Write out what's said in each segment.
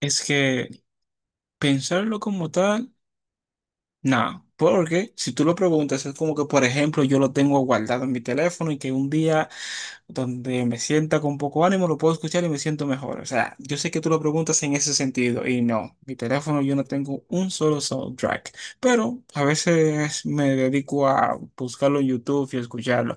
Es que pensarlo como tal, nada, porque si tú lo preguntas, es como que, por ejemplo, yo lo tengo guardado en mi teléfono y que un día donde me sienta con poco ánimo, lo puedo escuchar y me siento mejor. O sea, yo sé que tú lo preguntas en ese sentido y no, mi teléfono yo no tengo un solo soundtrack, pero a veces me dedico a buscarlo en YouTube y escucharlo.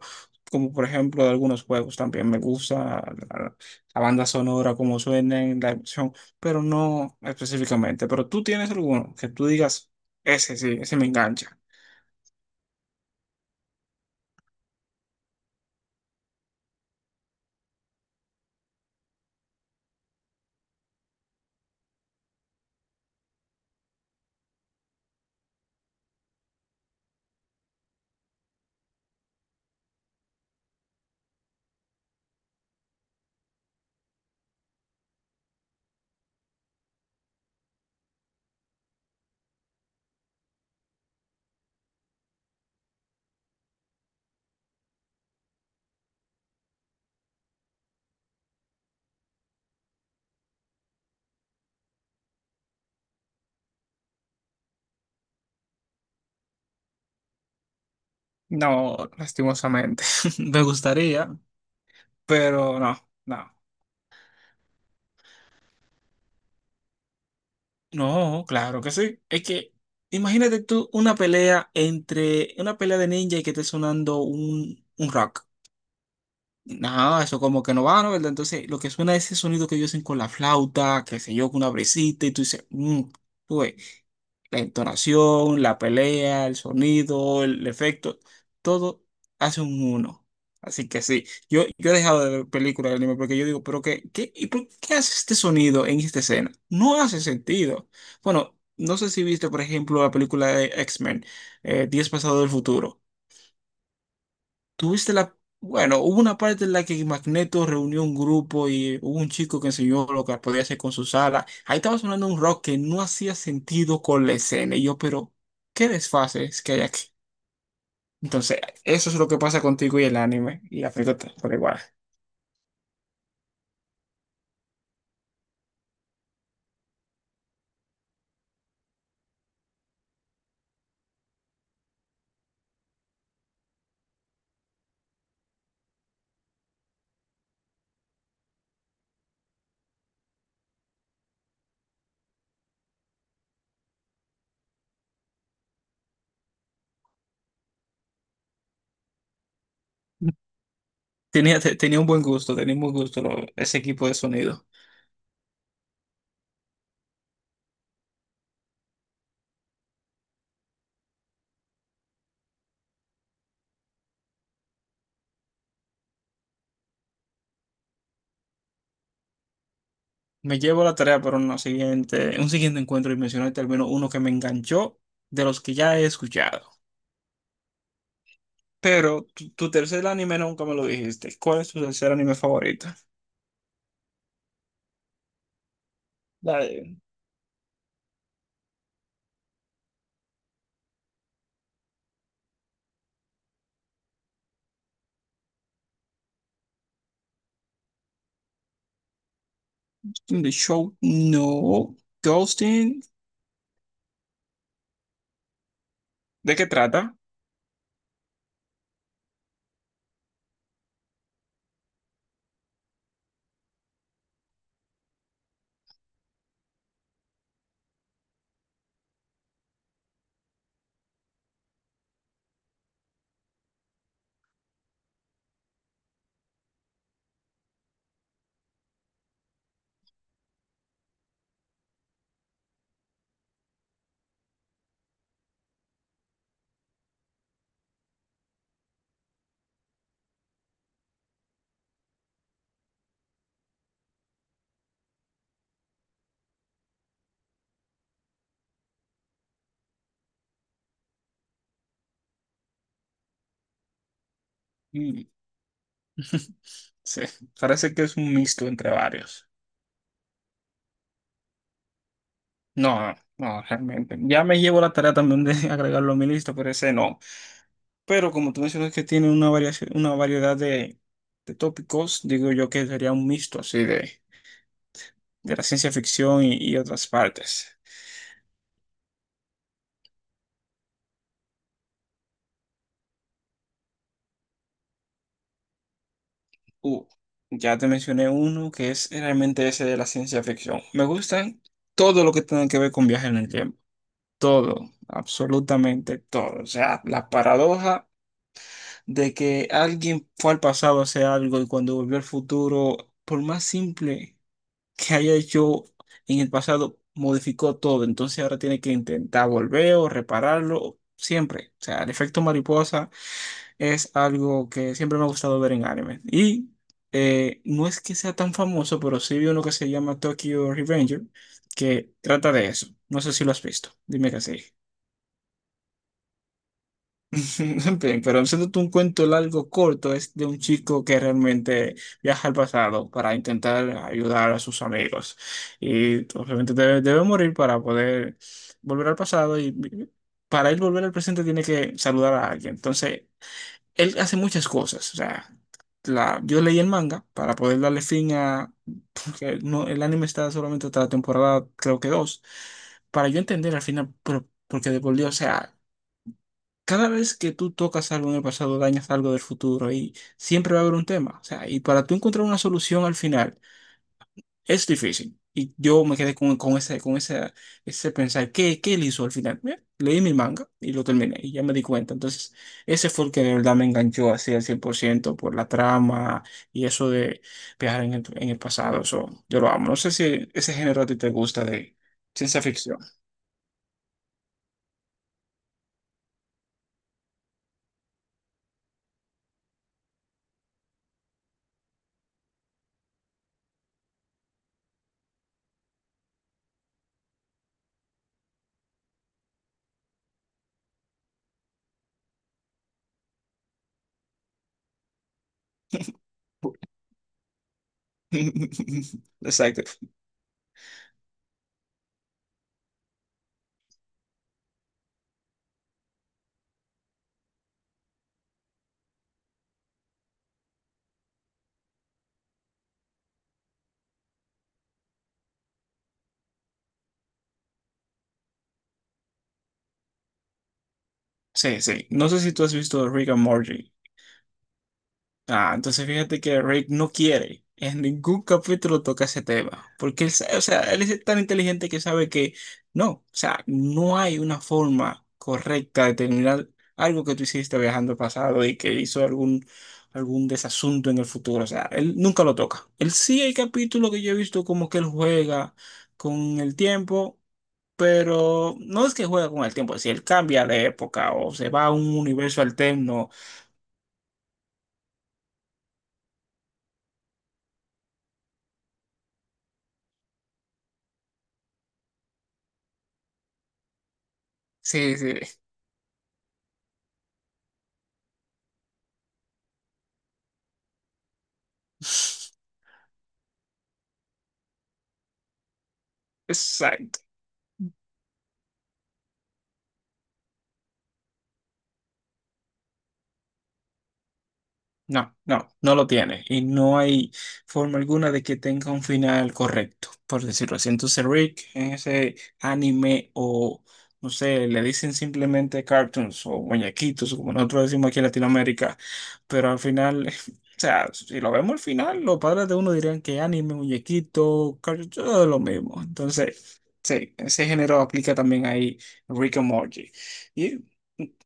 Como por ejemplo de algunos juegos también me gusta la banda sonora, cómo suenan la emoción, pero no específicamente. Pero tú tienes alguno que tú digas, ese sí, ese me engancha. No, lastimosamente. Me gustaría, pero no, no. No, claro que sí. Es que imagínate tú una pelea entre una pelea de ninja y que esté sonando un rock. No, eso como que no va, ¿no? ¿Verdad? Entonces, lo que suena es ese sonido que ellos hacen con la flauta, qué sé yo, con una brisita, y tú dices, mmm, la entonación, la pelea, el sonido, el efecto, todo hace un uno. Así que sí, yo he dejado de ver películas de anime porque yo digo, pero qué, ¿y por qué hace este sonido en esta escena? No hace sentido. Bueno, no sé si viste, por ejemplo, la película de X-Men, Días Pasados del Futuro. Tuviste la... Bueno, hubo una parte en la que Magneto reunió un grupo y hubo un chico que enseñó lo que podía hacer con sus alas. Ahí estaba sonando un rock que no hacía sentido con la escena. Y yo, pero, ¿qué desfases que hay aquí? Entonces, eso es lo que pasa contigo y el anime. Y la película por igual. Tenía un buen gusto, ese equipo de sonido. Me llevo la tarea para un siguiente encuentro y mencionarte al menos uno que me enganchó de los que ya he escuchado. Pero tu tercer anime nunca me lo dijiste. ¿Cuál es tu tercer anime favorito? La de- The Show No. Ghosting. ¿De qué trata? Mm, sí, parece que es un mixto entre varios. No, no, realmente. Ya me llevo la tarea también de agregarlo a mi lista, pero ese no. Pero como tú mencionas que tiene una variedad de tópicos, digo yo que sería un mixto así de la ciencia ficción y otras partes. Uh, ya te mencioné uno que es realmente ese de la ciencia ficción. Me gustan todo lo que tenga que ver con viajes en el tiempo. Todo, absolutamente todo. O sea, la paradoja de que alguien fue al pasado a hacer algo y cuando volvió al futuro, por más simple que haya hecho en el pasado, modificó todo. Entonces ahora tiene que intentar volver o repararlo siempre. O sea, el efecto mariposa es algo que siempre me ha gustado ver en anime. Y no es que sea tan famoso, pero sí vi uno que se llama Tokyo Revenger, que trata de eso. No sé si lo has visto, dime que sí. Bien, pero haciéndote un cuento largo, corto, es de un chico que realmente viaja al pasado para intentar ayudar a sus amigos. Y obviamente debe morir para poder volver al pasado y para él volver al presente tiene que saludar a alguien. Entonces, él hace muchas cosas. O sea, yo leí el manga para poder darle fin a... Porque no, el anime está solamente hasta la temporada, creo que dos, para yo entender al final, porque de por Dios, o sea, cada vez que tú tocas algo en el pasado, dañas algo del futuro y siempre va a haber un tema. O sea, y para tú encontrar una solución al final. Es difícil. Y yo me quedé con ese pensar, ¿qué él hizo al final? Bien, leí mi manga y lo terminé y ya me di cuenta. Entonces, ese fue el que de verdad me enganchó así al 100% por ciento por la trama y eso de viajar en el pasado. Eso, yo lo amo. No sé si ese género a ti te gusta de ciencia ficción. Exacto. Sí, sí. No sé si tú has visto Rick and Morty. Ah, entonces fíjate que Rick no quiere. En ningún capítulo toca ese tema. Porque él, o sea, él es tan inteligente que sabe que no, o sea, no hay una forma correcta de terminar algo que tú hiciste viajando al pasado y que hizo algún desasunto en el futuro. O sea, él nunca lo toca. Él sí hay capítulos que yo he visto como que él juega con el tiempo. Pero no es que juega con el tiempo, si él cambia de época o se va a un universo alterno, sí, sí. Exacto. No, no, no lo tiene. Y no hay forma alguna de que tenga un final correcto, por decirlo así. Entonces Rick en ese anime o, no sé, le dicen simplemente cartoons o muñequitos, como nosotros decimos aquí en Latinoamérica, pero al final, o sea, si lo vemos al final, los padres de uno dirían que anime, muñequito, cartoon, todo lo mismo. Entonces, sí, ese género aplica también ahí Rick and Morty. Y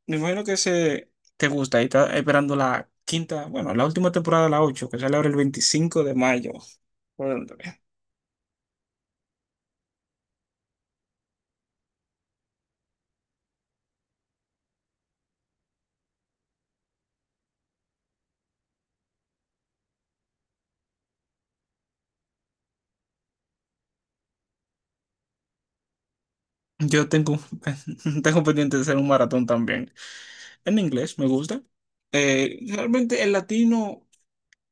me imagino que ese... te gusta y estás esperando la quinta, bueno, la última temporada, la 8 que sale ahora el 25 de mayo. Bueno, yo tengo, tengo pendiente de hacer un maratón también. En inglés me gusta. Realmente el latino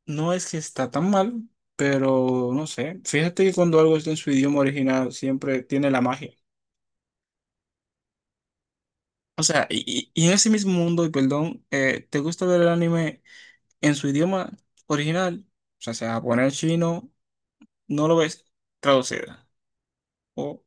no es que está tan mal, pero no sé. Fíjate que cuando algo está en su idioma original siempre tiene la magia. O sea, y en ese mismo mundo, y perdón, ¿te gusta ver el anime en su idioma original? O sea, sea japonés, chino, no lo ves traducido. O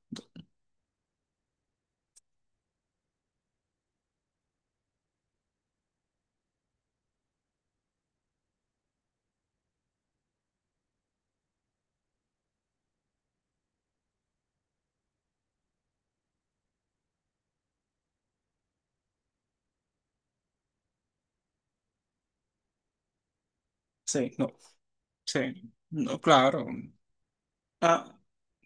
Sí, no, sí, no, claro. Ah,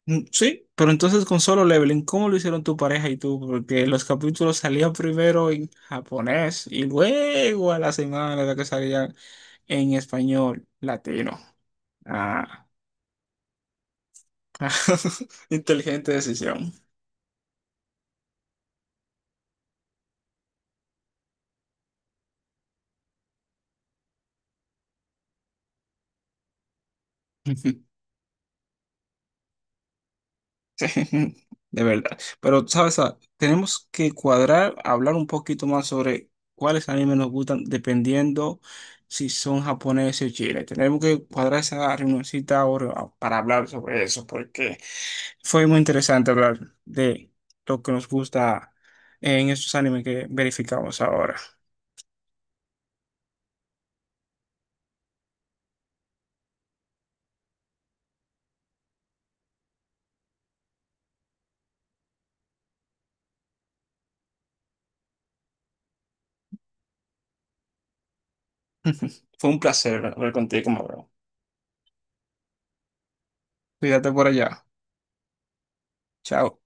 mm, sí, pero entonces con Solo Leveling, ¿cómo lo hicieron tu pareja y tú? Porque los capítulos salían primero en japonés y luego a la semana era que salían en español latino. Ah, inteligente decisión. Sí, de verdad. Pero, ¿sabes? Tenemos que cuadrar, hablar un poquito más sobre cuáles animes nos gustan, dependiendo si son japoneses o chiles. Tenemos que cuadrar esa reunioncita ahora para hablar sobre eso, porque fue muy interesante hablar de lo que nos gusta en estos animes que verificamos ahora. Fue un placer hablar contigo, bro. Cuídate por allá. Chao.